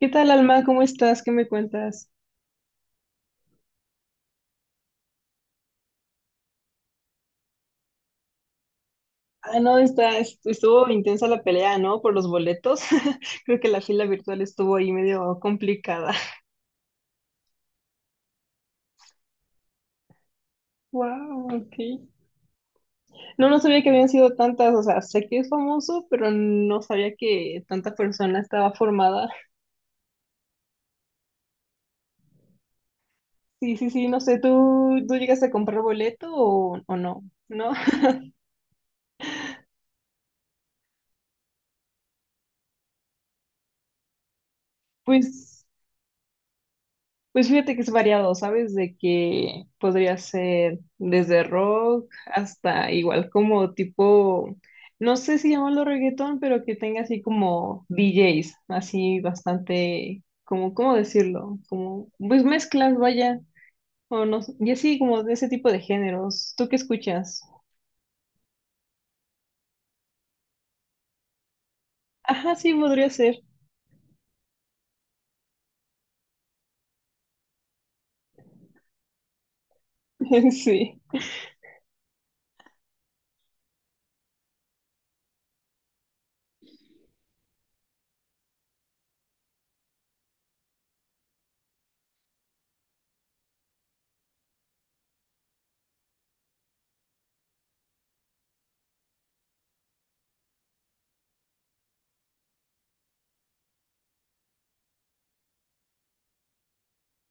¿Qué tal, Alma? ¿Cómo estás? ¿Qué me cuentas? Ah, no, estuvo intensa la pelea, ¿no? Por los boletos. Creo que la fila virtual estuvo ahí medio complicada. Wow, ok. No, no sabía que habían sido tantas, o sea, sé que es famoso, pero no sabía que tanta persona estaba formada. Sí, sí, sí, no sé, ¿tú llegaste a comprar boleto o no? ¿No? Pues. Pues fíjate que es variado, ¿sabes? De que podría ser desde rock hasta igual como tipo, no sé si llamarlo reggaetón, pero que tenga así como DJs, así bastante, como, ¿cómo decirlo? Como, pues mezclas, vaya, o no, sé, y así como de ese tipo de géneros. ¿Tú qué escuchas? Ajá, sí, podría ser. Sí,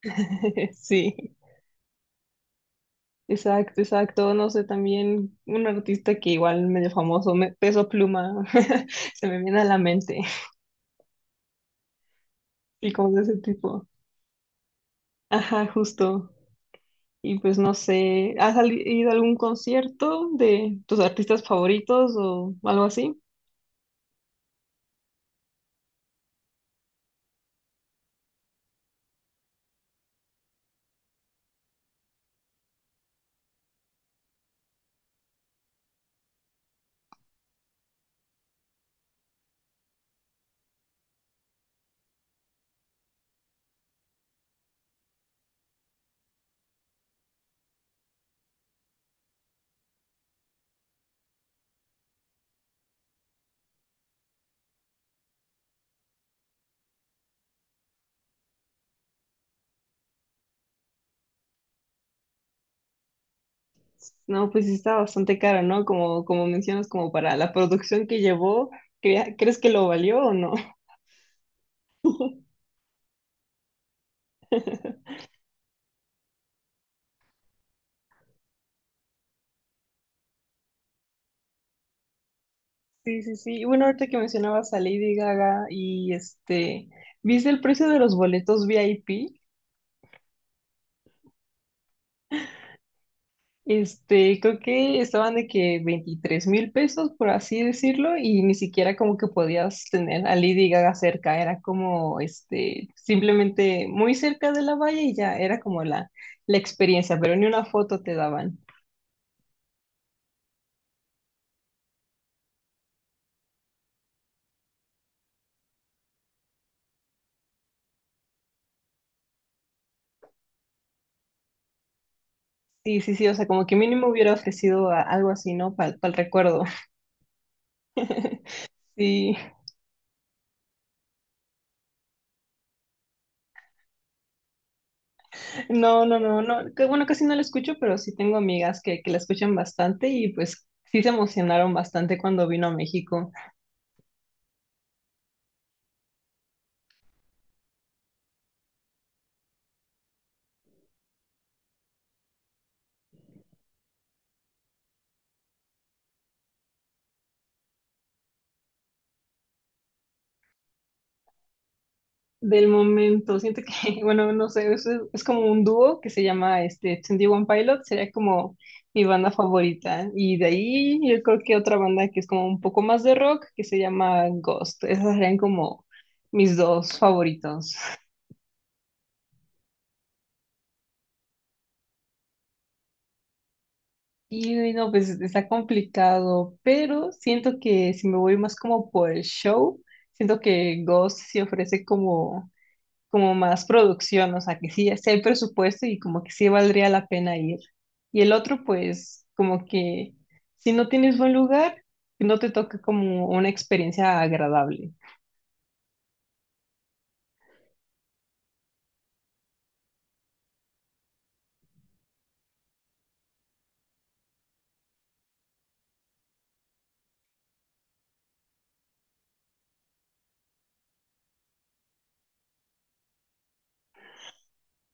sí. Exacto, exacto. No sé, también un artista que igual medio famoso, Peso Pluma, se me viene a la mente. Y como de ese tipo. Ajá, justo. Y pues no sé, ¿has ido a algún concierto de tus artistas favoritos o algo así? No, pues sí está bastante caro, ¿no? Como, como mencionas, como para la producción que llevó, ¿crees que lo valió o no? Sí, sí, sí. Y bueno, ahorita que mencionabas a Lady Gaga y este, ¿viste el precio de los boletos VIP? Este, creo que estaban de que 23,000 pesos, por así decirlo, y ni siquiera como que podías tener a Lady Gaga cerca, era como, este, simplemente muy cerca de la valla y ya era como la experiencia, pero ni una foto te daban. Sí, sí, sí, o sea, como que mínimo hubiera ofrecido algo así, ¿no? Para el recuerdo. Sí, no, no, no, no, que bueno, casi no la escucho, pero sí tengo amigas que la escuchan bastante y pues sí se emocionaron bastante cuando vino a México. Del momento. Siento que, bueno, no sé, es como un dúo que se llama este 21 Pilot, sería como mi banda favorita. Y de ahí yo creo que otra banda que es como un poco más de rock, que se llama Ghost. Esas serían como mis dos favoritos. Y no, pues está complicado, pero siento que si me voy más como por el show, siento que Ghost sí ofrece como como más producción, o sea, que sí, sí hay presupuesto y como que sí valdría la pena ir. Y el otro, pues, como que si no tienes buen lugar, no te toca como una experiencia agradable.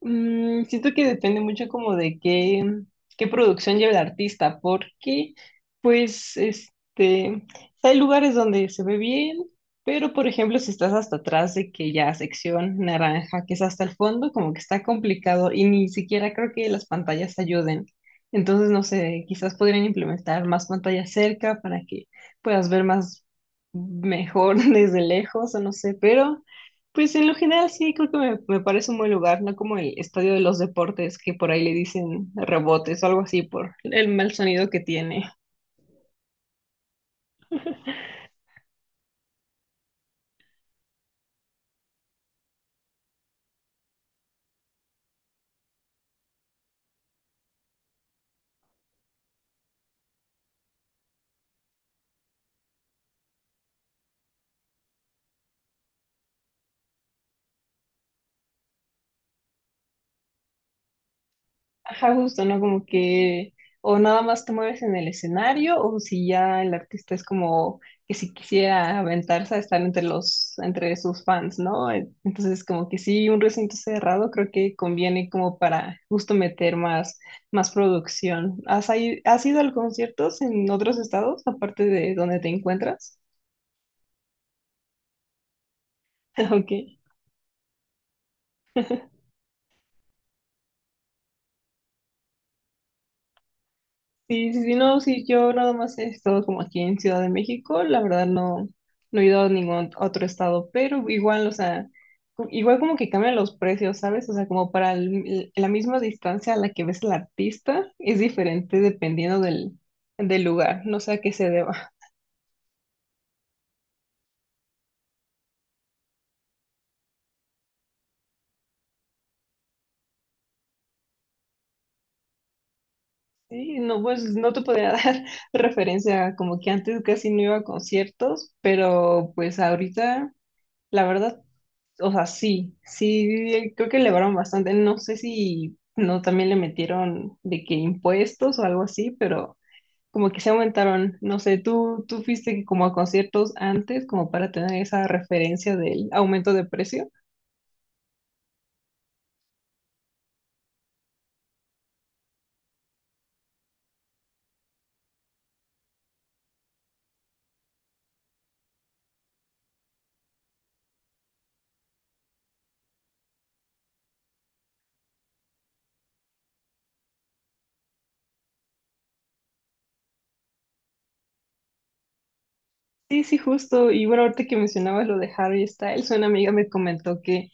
Siento que depende mucho como de qué, producción lleva el artista, porque pues este, hay lugares donde se ve bien, pero por ejemplo si estás hasta atrás de que ya sección naranja, que es hasta el fondo, como que está complicado y ni siquiera creo que las pantallas ayuden. Entonces, no sé, quizás podrían implementar más pantallas cerca para que puedas ver más mejor desde lejos o no sé, pero... Pues en lo general sí, creo que me parece un buen lugar, no como el estadio de los deportes, que por ahí le dicen rebotes o algo así por el mal sonido que tiene. Ajá, justo, ¿no? Como que o nada más te mueves en el escenario o si ya el artista es como que si quisiera aventarse a estar entre los, entre sus fans, ¿no? Entonces como que sí, un recinto cerrado creo que conviene como para justo meter más, más producción. ¿Has, has ido a conciertos en otros estados aparte de donde te encuentras? Ok. Sí, sí, sí, no, sí, yo nada más he estado como aquí en Ciudad de México, la verdad no, no he ido a ningún otro estado, pero igual, o sea, igual como que cambian los precios, ¿sabes? O sea, como para la misma distancia a la que ves al artista, es diferente dependiendo del, del lugar, no sé a qué se deba. Sí, no, pues no te podría dar referencia, como que antes casi no iba a conciertos, pero pues ahorita, la verdad. O sea, sí, sí, creo que elevaron bastante. No sé si no también le metieron de que impuestos o algo así, pero como que se aumentaron. No sé, tú fuiste como a conciertos antes, como para tener esa referencia del aumento de precio. Sí, sí, justo. Y bueno, ahorita que mencionabas lo de Harry Styles, una amiga me comentó que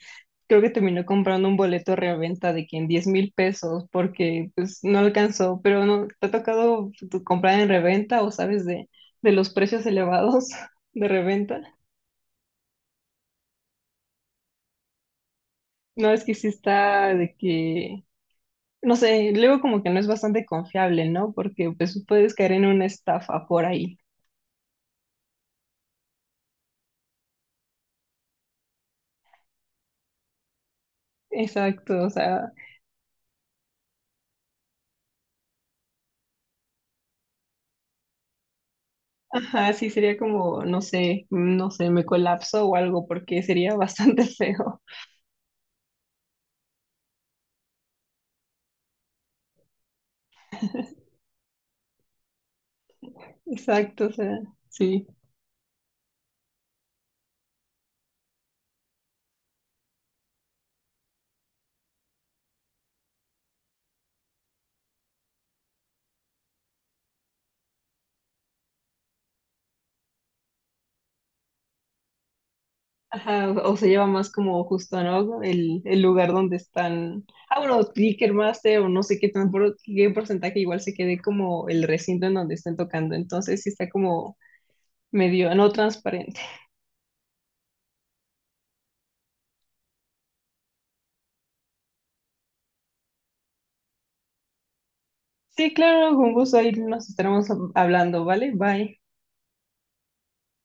creo que terminó comprando un boleto de reventa de que en 10,000 pesos porque pues no alcanzó, pero no, ¿te ha tocado comprar en reventa o sabes de, los precios elevados de reventa? No, es que sí está de que, no sé, luego como que no es bastante confiable, ¿no? Porque pues puedes caer en una estafa por ahí. Exacto, o sea, ajá, sí sería como, no sé, me colapso o algo porque sería bastante feo. Exacto, o sea, sí. Ajá, o se lleva más como justo, ¿no? El lugar donde están. Ah, bueno, Ticketmaster o no sé qué, tan qué porcentaje, igual se quede como el recinto en donde estén tocando. Entonces sí está como medio no transparente. Sí, claro, con gusto ahí nos estaremos hablando, ¿vale? Bye.